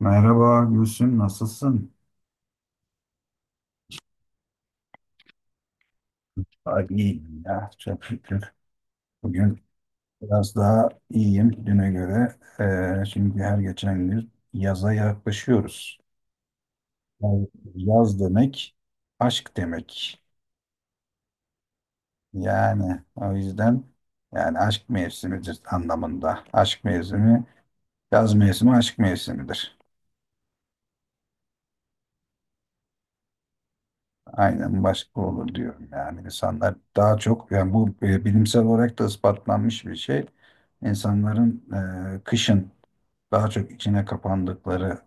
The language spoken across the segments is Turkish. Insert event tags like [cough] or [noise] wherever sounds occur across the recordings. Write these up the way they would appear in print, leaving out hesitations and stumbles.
Merhaba Gülsüm, nasılsın? Ay, iyiyim ya, çok şükür. Bugün biraz daha iyiyim düne göre. Şimdi her geçen gün yaza yaklaşıyoruz. Yani yaz demek aşk demek. O yüzden aşk mevsimidir anlamında. Aşk mevsimi, yaz mevsimi aşk mevsimidir. Aynen başka olur diyorum yani. İnsanlar daha çok, yani bilimsel olarak da ispatlanmış bir şey. İnsanların kışın daha çok içine kapandıkları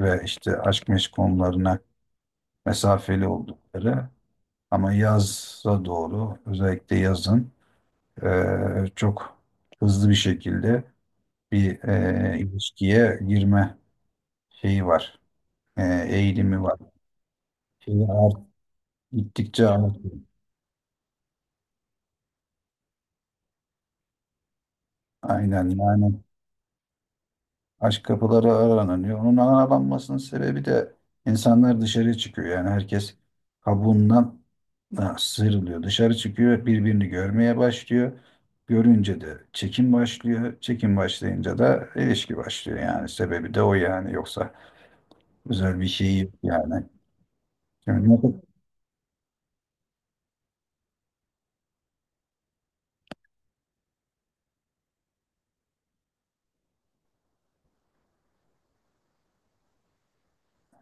ve işte aşk meşk konularına mesafeli oldukları ama yaza doğru özellikle yazın e, çok hızlı bir şekilde bir ilişkiye girme şeyi var, e, eğilimi var. Şeyi art, Gittikçe artıyor. Aynen yani. Aşk kapıları aranıyor. Onun aralanmasının sebebi de insanlar dışarı çıkıyor. Yani herkes kabuğundan, ha, sıyrılıyor. Dışarı çıkıyor, birbirini görmeye başlıyor. Görünce de çekim başlıyor. Çekim başlayınca da ilişki başlıyor. Yani sebebi de o yani. Yoksa özel bir şey yok yani. Şimdi, ne-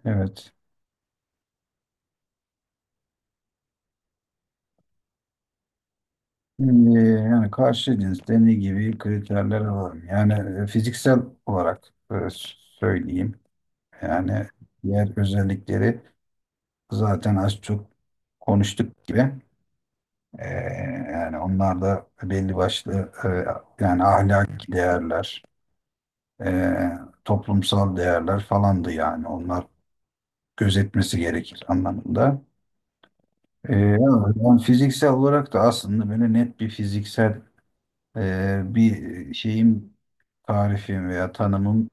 evet. Şimdi yani karşı cins deney gibi kriterler alalım. Yani fiziksel olarak söyleyeyim. Yani diğer özellikleri zaten az çok konuştuk gibi. Ee, yani onlar da belli başlı, yani ahlaki değerler, e, toplumsal değerler falandı, yani onlar gözetmesi gerekir anlamında. Ee, ben fiziksel olarak da aslında böyle net bir fiziksel bir şeyim, tarifim veya tanımım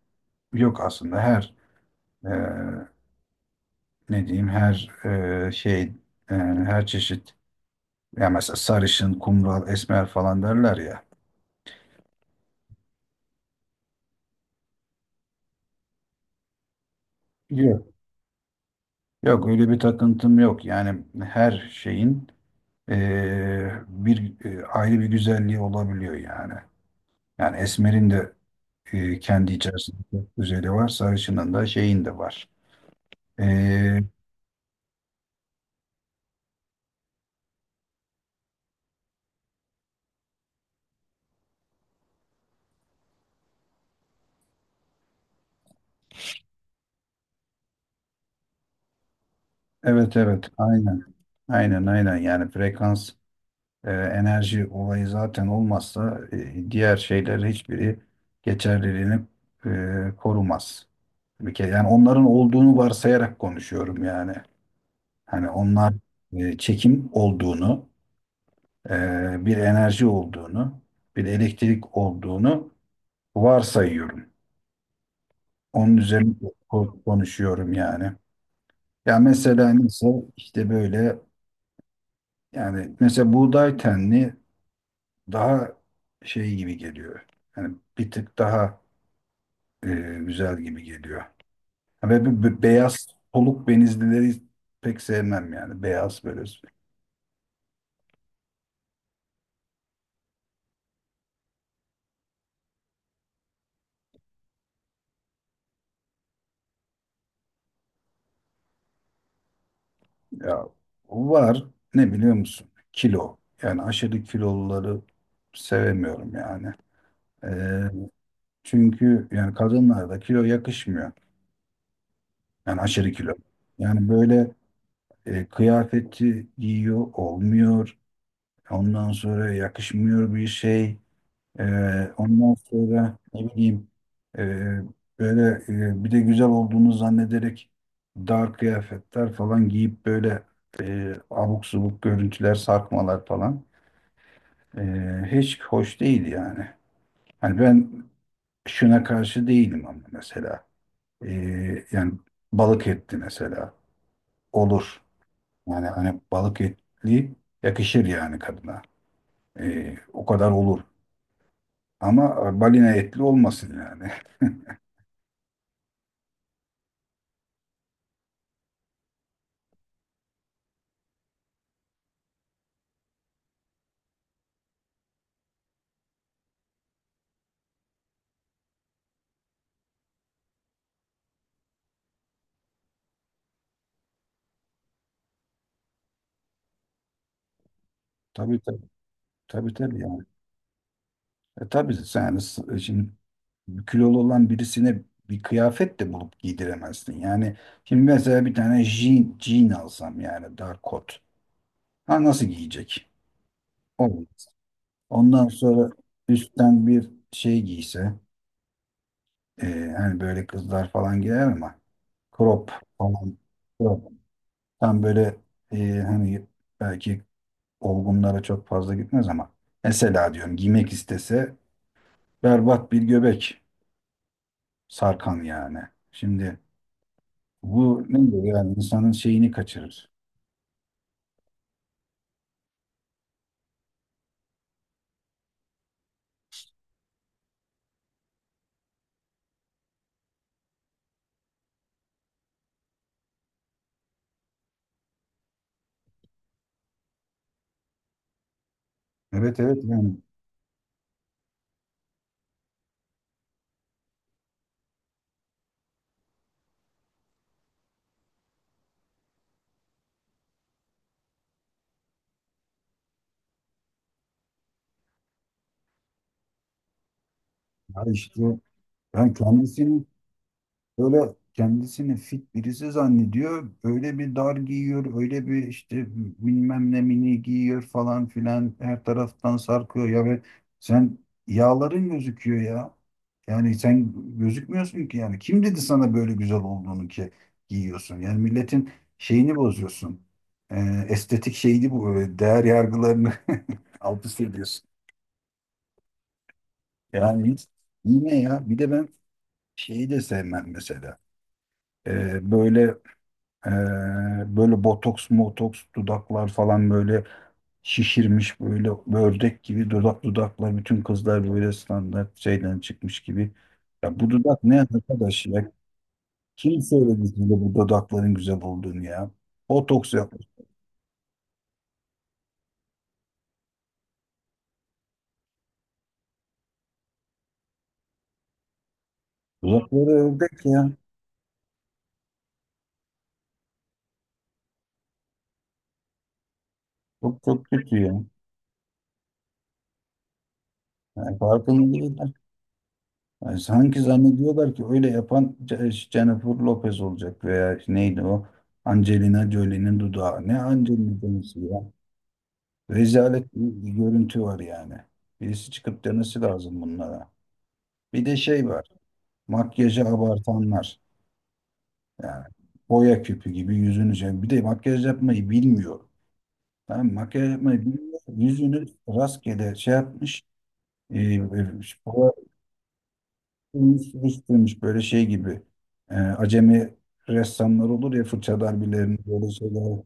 yok aslında. Her e, ne diyeyim her e, şey e, Her çeşit. Ya mesela sarışın, kumral, esmer falan derler ya. Yok. Yok öyle bir takıntım yok. Yani her şeyin, bir, ayrı bir güzelliği olabiliyor yani. Yani esmerin de, kendi içerisinde çok güzeli var. Sarışının da şeyin de var. Eee, evet evet, aynen. Aynen aynen, yani frekans. Enerji olayı zaten olmazsa diğer şeyler hiçbiri geçerliliğini korumaz. Bir kere yani onların olduğunu varsayarak konuşuyorum yani. Hani onlar, çekim olduğunu, bir enerji olduğunu, bir elektrik olduğunu varsayıyorum. Onun üzerine konuşuyorum yani. Ya mesela neyse işte böyle. Yani mesela buğday tenli daha şey gibi geliyor. Yani bir tık daha e, güzel gibi geliyor. Ha, ve bu beyaz soluk benizlileri pek sevmem yani. Beyaz böyle ya var, ne biliyor musun? Kilo. Yani aşırı kiloluları sevemiyorum yani. E, çünkü yani kadınlarda kilo yakışmıyor. Yani aşırı kilo. Yani böyle kıyafeti giyiyor olmuyor. Ondan sonra yakışmıyor bir şey. Ondan sonra ne bileyim, e, böyle bir de güzel olduğunu zannederek dar kıyafetler falan giyip böyle abuk subuk görüntüler, sarkmalar falan, e, hiç hoş değil yani. Hani ben şuna karşı değilim ama mesela, E, yani balık etli mesela olur. Yani hani balık etli yakışır yani kadına. E, o kadar olur. Ama balina etli olmasın yani. [laughs] Tabii tabii. Tabii tabii yani. E, tabii sen yani şimdi kilolu olan birisine bir kıyafet de bulup giydiremezsin. Yani şimdi mesela bir tane jean alsam, yani dar kot. Ha nasıl giyecek? Olmaz. Ondan sonra üstten bir şey giyse, e, hani böyle kızlar falan giyer ama crop falan, crop. Tam böyle hani belki olgunlara çok fazla gitmez ama mesela diyorum giymek istese, berbat bir göbek, sarkan yani. Şimdi bu ne diyor yani, insanın şeyini kaçırır. Evet evet yani. Ya işte, ben kendisini böyle kendisini fit birisi zannediyor. Öyle bir dar giyiyor, öyle bir işte bilmem ne mini giyiyor falan filan. Her taraftan sarkıyor ya ve sen, yağların gözüküyor ya. Yani sen gözükmüyorsun ki yani. Kim dedi sana böyle güzel olduğunu ki giyiyorsun? Yani milletin şeyini bozuyorsun. Estetik şeyini, değer yargılarını [laughs] alt üst ediyorsun. Yani hiç- Yine ya, bir de ben şeyi de sevmem mesela. Ee, böyle Ee, Böyle botoks, motoks, dudaklar falan böyle şişirmiş, böyle ördek gibi dudaklar bütün kızlar böyle standart şeyden çıkmış gibi. Ya bu dudak ne arkadaş ya? Kim söyledi size bu dudakların güzel olduğunu ya? Botoks yapmış. Dudakları ördek ya. Çok çok kötü ya. Yani farkında değiller. Yani sanki zannediyorlar ki öyle yapan Jennifer Lopez olacak, veya neydi o? Angelina Jolie'nin dudağı. Ne Angelina Jolie'si ya? Rezalet bir görüntü var yani. Birisi çıkıp demesi lazım bunlara. Bir de şey var. Makyajı abartanlar. Yani boya küpü gibi yüzünü şey. Bir de makyaj yapmayı bilmiyor. Tamam mı? Makyaj yapmayı bilmiyor. Yüzünü rastgele şey yapmış. E, e, Sürüştürmüş böyle şey gibi. Acemi ressamlar olur ya fırça darbelerini böyle şeyler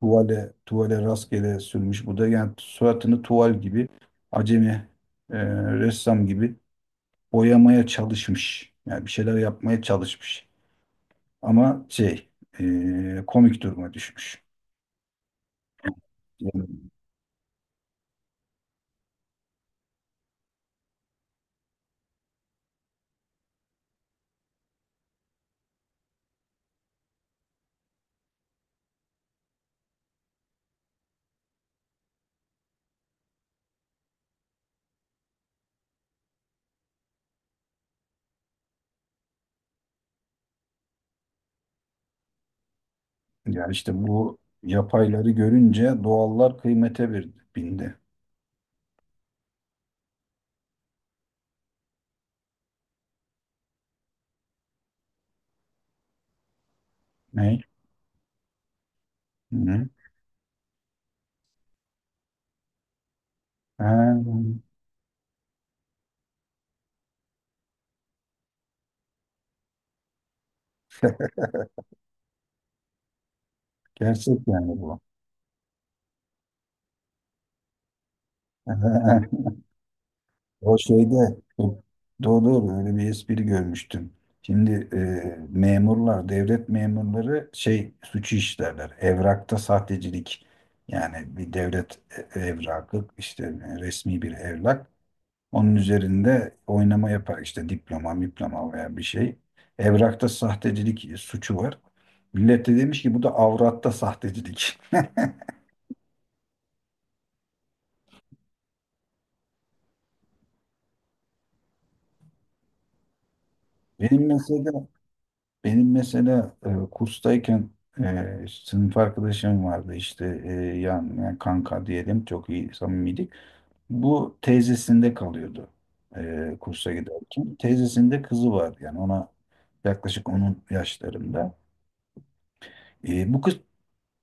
tuvale rastgele sürmüş. Bu da yani suratını tuval gibi, acemi e, ressam gibi boyamaya çalışmış. Yani bir şeyler yapmaya çalışmış. Ama şey, komik duruma düşmüş. Yani, yani işte bu yapayları görünce doğallar kıymete bir bindi. Ne? Hı. Ha, gerçek yani bu. [laughs] O şeyde o- doğru doğru, öyle bir espri görmüştüm. Şimdi memurlar, devlet memurları şey suçu işlerler. Evrakta sahtecilik. Yani bir devlet evrakı, işte resmi bir evrak. Onun üzerinde oynama yapar işte diploma veya bir şey. Evrakta sahtecilik suçu var. Millet de demiş ki bu da avratta sahtecilik. [laughs] Benim mesela Benim mesela kurstayken sınıf arkadaşım vardı, işte yani kanka diyelim, çok iyi samimiydik. Bu teyzesinde kalıyordu kursa giderken. Teyzesinde kızı var yani ona yaklaşık onun yaşlarında. E, bu kız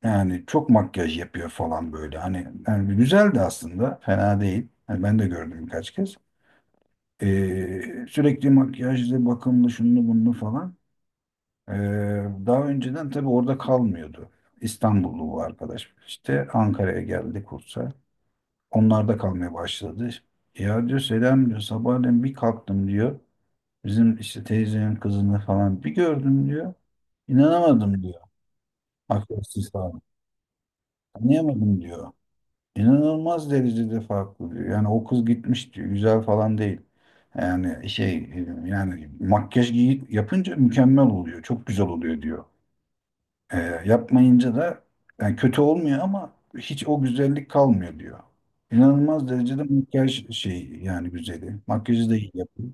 yani çok makyaj yapıyor falan böyle, hani yani güzeldi aslında, fena değil. Yani ben de gördüm birkaç kez. E, sürekli makyajlı, bakımlı, şunlu bunlu falan. Ee, daha önceden tabii orada kalmıyordu. İstanbullu bu arkadaş. İşte Ankara'ya geldi kursa. Onlar da kalmaya başladı. Ya diyor, selam diyor, sabahleyin bir kalktım diyor. Bizim işte teyzenin kızını falan bir gördüm diyor. İnanamadım diyor. Akrasiz falan. Anlayamadım diyor. İnanılmaz derecede farklı diyor. Yani o kız gitmiş diyor. Güzel falan değil. Yani şey, yani makyaj giyip yapınca mükemmel oluyor. Çok güzel oluyor diyor. E, yapmayınca da yani kötü olmuyor ama hiç o güzellik kalmıyor diyor. İnanılmaz derecede makyaj şey, yani güzeli. Makyajı da iyi yapıyor.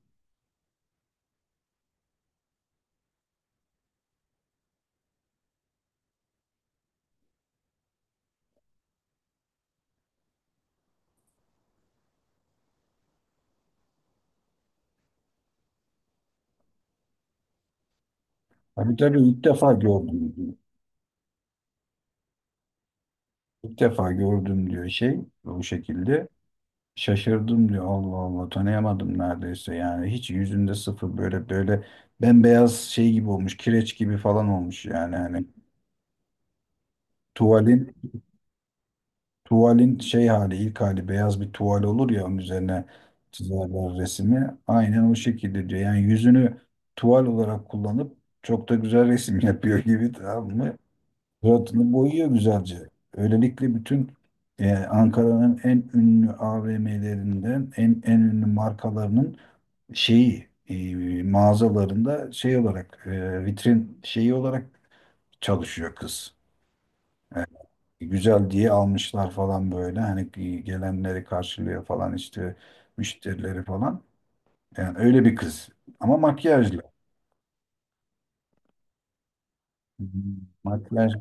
Tabii tabii, ilk defa gördüm diyor. İlk defa gördüm diyor şey bu şekilde. Şaşırdım diyor, Allah Allah tanıyamadım neredeyse yani, hiç yüzünde sıfır, böyle böyle bembeyaz şey gibi olmuş, kireç gibi falan olmuş yani hani, tuvalin tuvalin şey hali, ilk hali beyaz bir tuval olur ya, onun üzerine çizerler resmi. Aynen o şekilde diyor. Yani yüzünü tuval olarak kullanıp çok da güzel resim [laughs] yapıyor gibi, tamam mı? Suratını boyuyor güzelce. Öylelikle bütün Ankara'nın en ünlü AVM'lerinden, en ünlü markalarının şeyi, mağazalarında şey olarak, vitrin şeyi olarak çalışıyor kız. E, güzel diye almışlar falan böyle. Hani gelenleri karşılıyor falan, işte müşterileri falan. Yani öyle bir kız. Ama makyajlı. Hı hı. Makyaj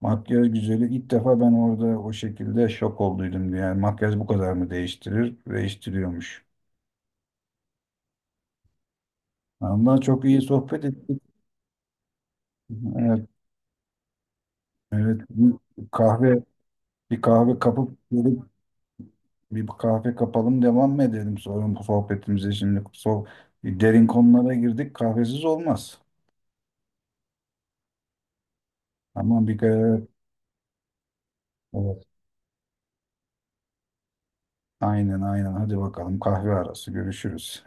Makyaj güzeli ilk defa ben orada o şekilde şok olduydum. Yani makyaj bu kadar mı değiştirir? Değiştiriyormuş. Ondan çok iyi sohbet ettik. Evet, evet. Kahve, bir kahve kapıp gelip bir kahve kapalım, devam mı edelim sonra bu sohbetimize. Şimdi so derin konulara girdik. Kahvesiz olmaz. Ama bir gayret. Evet. Aynen aynen. Hadi bakalım, kahve arası görüşürüz.